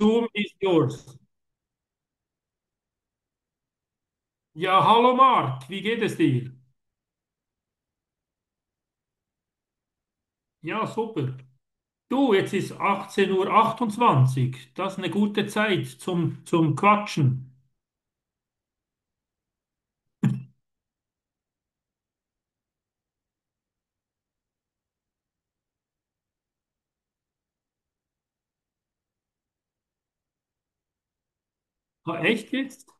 Zoom ist yours. Ja, hallo Marc, wie geht es dir? Ja, super. Du, jetzt ist 18:28 Uhr, 28. Das ist eine gute Zeit zum Quatschen. Ah, echt jetzt?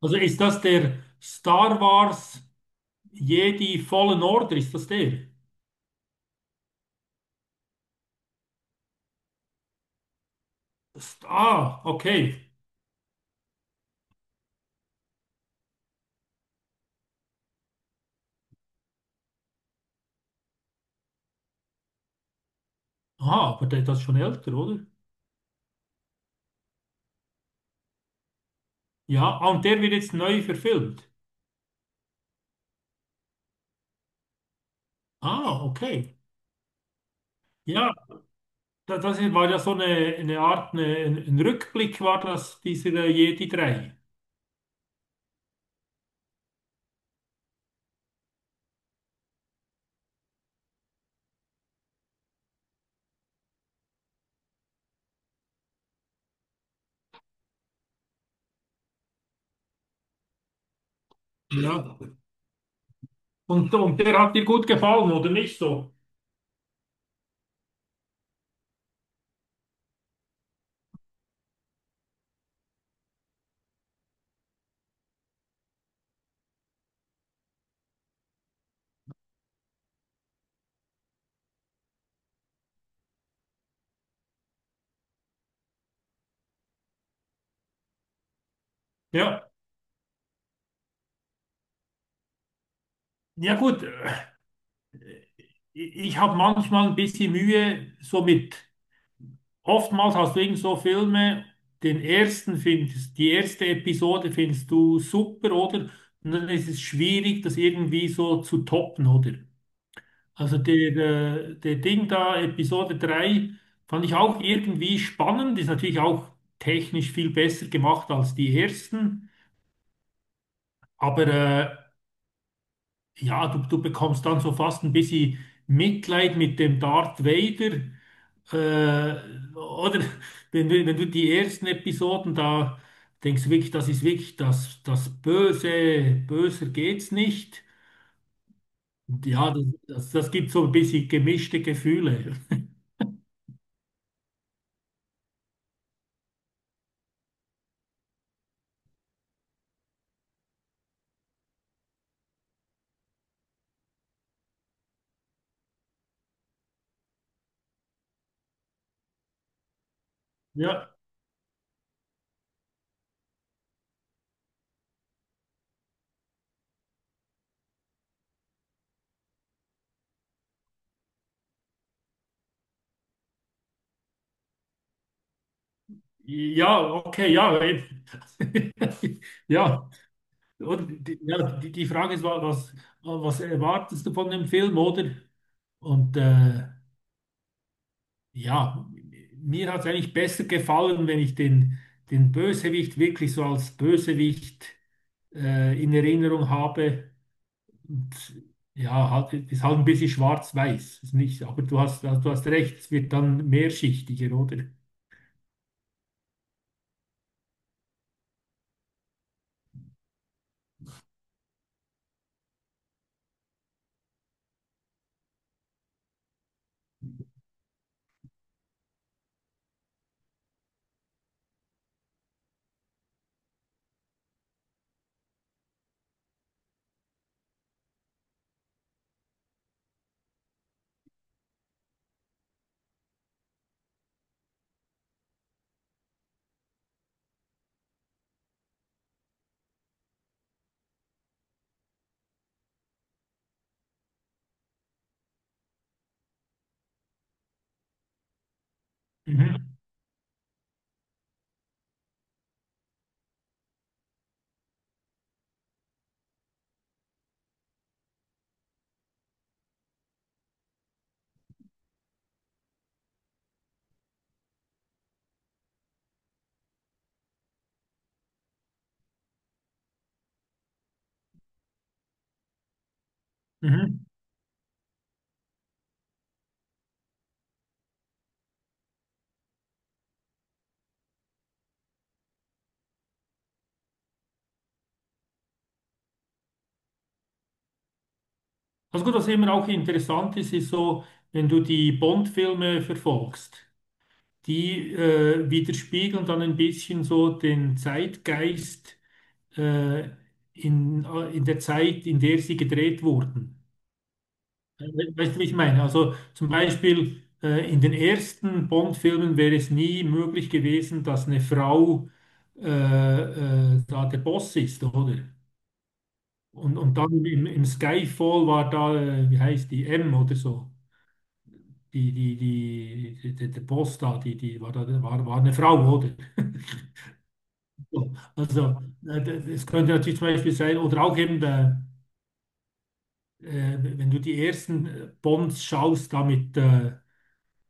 Also ist das der Star Wars Jedi Fallen Order? Ist das der? Ah, okay. Ah, aber der, das ist schon älter, oder? Ja, ah, und der wird jetzt neu verfilmt. Ah, okay. Ja, das war ja so eine Art, ein Rückblick war das, dieser Jedi 3. Ja. Und der hat dir gut gefallen, oder nicht so? Ja. Ja gut, ich habe manchmal ein bisschen Mühe, oftmals hast du irgend so Filme, die erste Episode findest du super, oder? Und dann ist es schwierig, das irgendwie so zu toppen, oder? Also der Ding da, Episode 3 fand ich auch irgendwie spannend, ist natürlich auch technisch viel besser gemacht als die ersten, aber ja, du bekommst dann so fast ein bisschen Mitleid mit dem Darth Vader. Oder wenn du die ersten Episoden da denkst, du wirklich, das ist wirklich das Böse, böser geht's nicht. Und ja, das gibt so ein bisschen gemischte Gefühle. Ja, ja, okay, ja. Eben. Ja, und ja, die Frage ist, was erwartest du von dem Film, oder? Und ja, mir hat es eigentlich besser gefallen, wenn ich den Bösewicht wirklich so als Bösewicht in Erinnerung habe. Und, ja, halt, ist halt ein bisschen schwarz-weiß. Ist nicht, aber also du hast recht, es wird dann mehrschichtiger, oder? Mhm. Mhm. Also gut, was immer auch interessant ist, ist so, wenn du die Bond-Filme verfolgst, die widerspiegeln dann ein bisschen so den Zeitgeist äh, in der Zeit, in der sie gedreht wurden. Weißt du, wie ich meine? Also zum Beispiel in den ersten Bond-Filmen wäre es nie möglich gewesen, dass eine Frau äh, da der Boss ist, oder? Und dann im Skyfall war da, wie heißt die, M oder so. Der Boss da, die war eine Frau, oder? So, also, das könnte natürlich zum Beispiel sein, oder auch eben wenn du die ersten Bonds schaust, da mit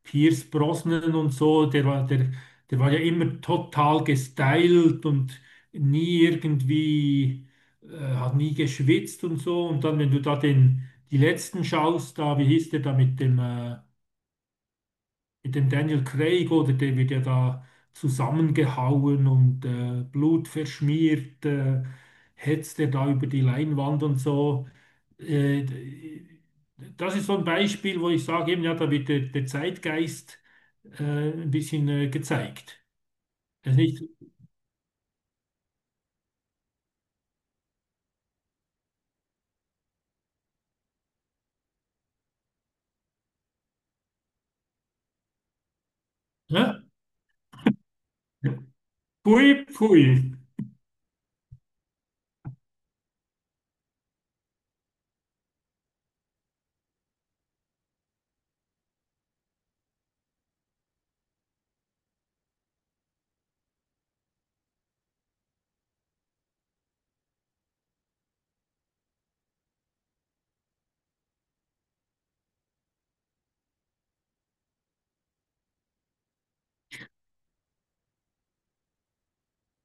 Pierce Brosnan und so, der war ja immer total gestylt und nie irgendwie, äh, hat nie geschwitzt und so. Und dann, wenn du da die letzten schaust, da, wie hieß der da mit dem Daniel Craig oder der wird ja da zusammengehauen und Blut verschmiert, hetzt er da über die Leinwand und so. Äh, Das ist so ein Beispiel, wo ich sage, eben, ja, da wird der, der Zeitgeist ein bisschen gezeigt. Das ist nicht, ne? Pfui, pfui.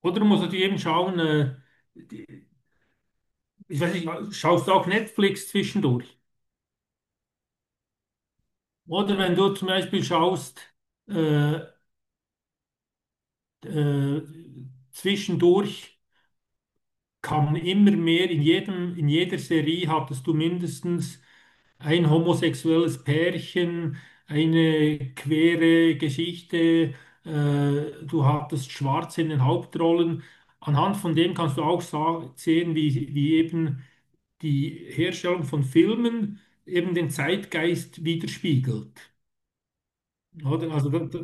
Oder du musst natürlich eben schauen, die- ich weiß nicht, schaust du auch Netflix zwischendurch? Oder wenn du zum Beispiel schaust, äh, Äh, zwischendurch kam immer mehr, in jeder Serie hattest du mindestens ein homosexuelles Pärchen, eine queere Geschichte, äh, du hattest Schwarze in den Hauptrollen. Anhand von dem kannst du auch sehen, wie, wie eben die Herstellung von Filmen eben den Zeitgeist widerspiegelt. Oder? Also da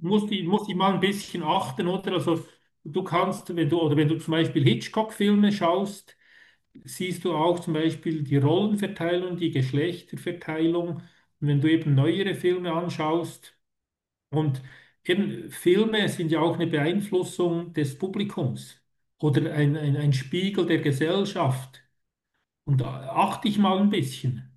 muss die, mal ein bisschen achten, oder? Also du kannst, wenn du, oder wenn du zum Beispiel Hitchcock-Filme schaust, siehst du auch zum Beispiel die Rollenverteilung, die Geschlechterverteilung. Und wenn du eben neuere Filme anschaust, und eben Filme sind ja auch eine Beeinflussung des Publikums oder ein Spiegel der Gesellschaft. Und da achte ich mal ein bisschen.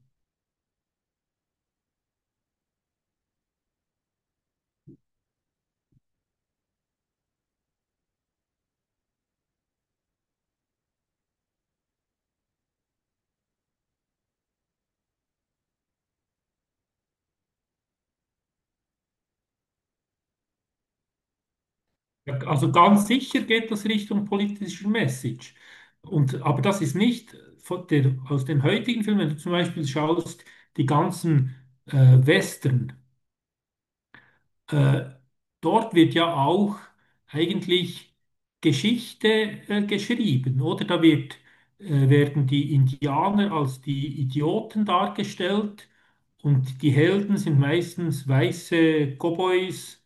Ja, also ganz sicher geht das Richtung politischer Message. Aber das ist nicht aus den heutigen Filmen, wenn du zum Beispiel schaust, die ganzen äh, Western, äh, dort wird ja auch eigentlich Geschichte geschrieben, oder? Werden die Indianer als die Idioten dargestellt und die Helden sind meistens weiße Cowboys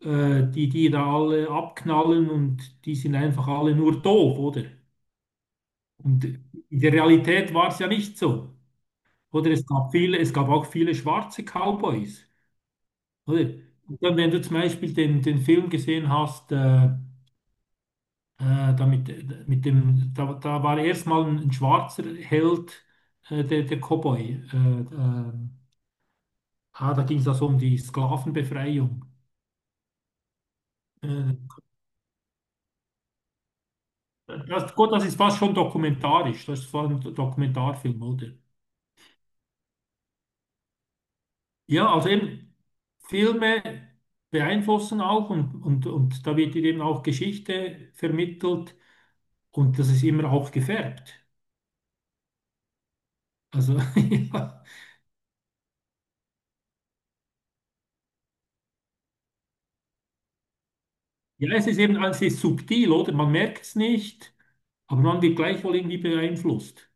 die die da alle abknallen und die sind einfach alle nur doof, oder? Und in der Realität war es ja nicht so. Oder es gab auch viele schwarze Cowboys, oder? Und dann, wenn du zum Beispiel den Film gesehen hast, da mit dem, da, da war erstmal ein schwarzer Held, der Cowboy. Äh, da ging es also um die Sklavenbefreiung. Äh, gut, das ist fast schon dokumentarisch, das ist fast ein Dokumentarfilm, oder? Ja, also eben Filme beeinflussen auch und, da wird dir eben auch Geschichte vermittelt und das ist immer auch gefärbt. Also ja, ja, es ist eben, es ist subtil, oder? Man merkt es nicht, aber man wird gleichwohl irgendwie beeinflusst.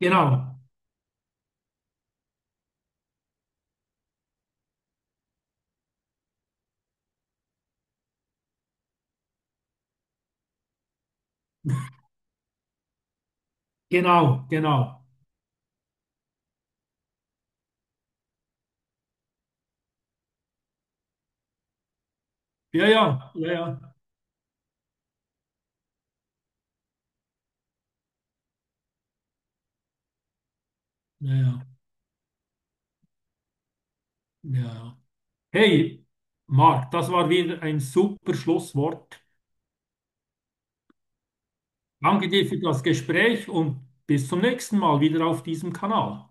Genau, genau, genau. Ja, ja, ja, ja, ja, ja, ja, ja. Hey, Marc, das war wieder ein super Schlusswort. Danke dir für das Gespräch und bis zum nächsten Mal wieder auf diesem Kanal.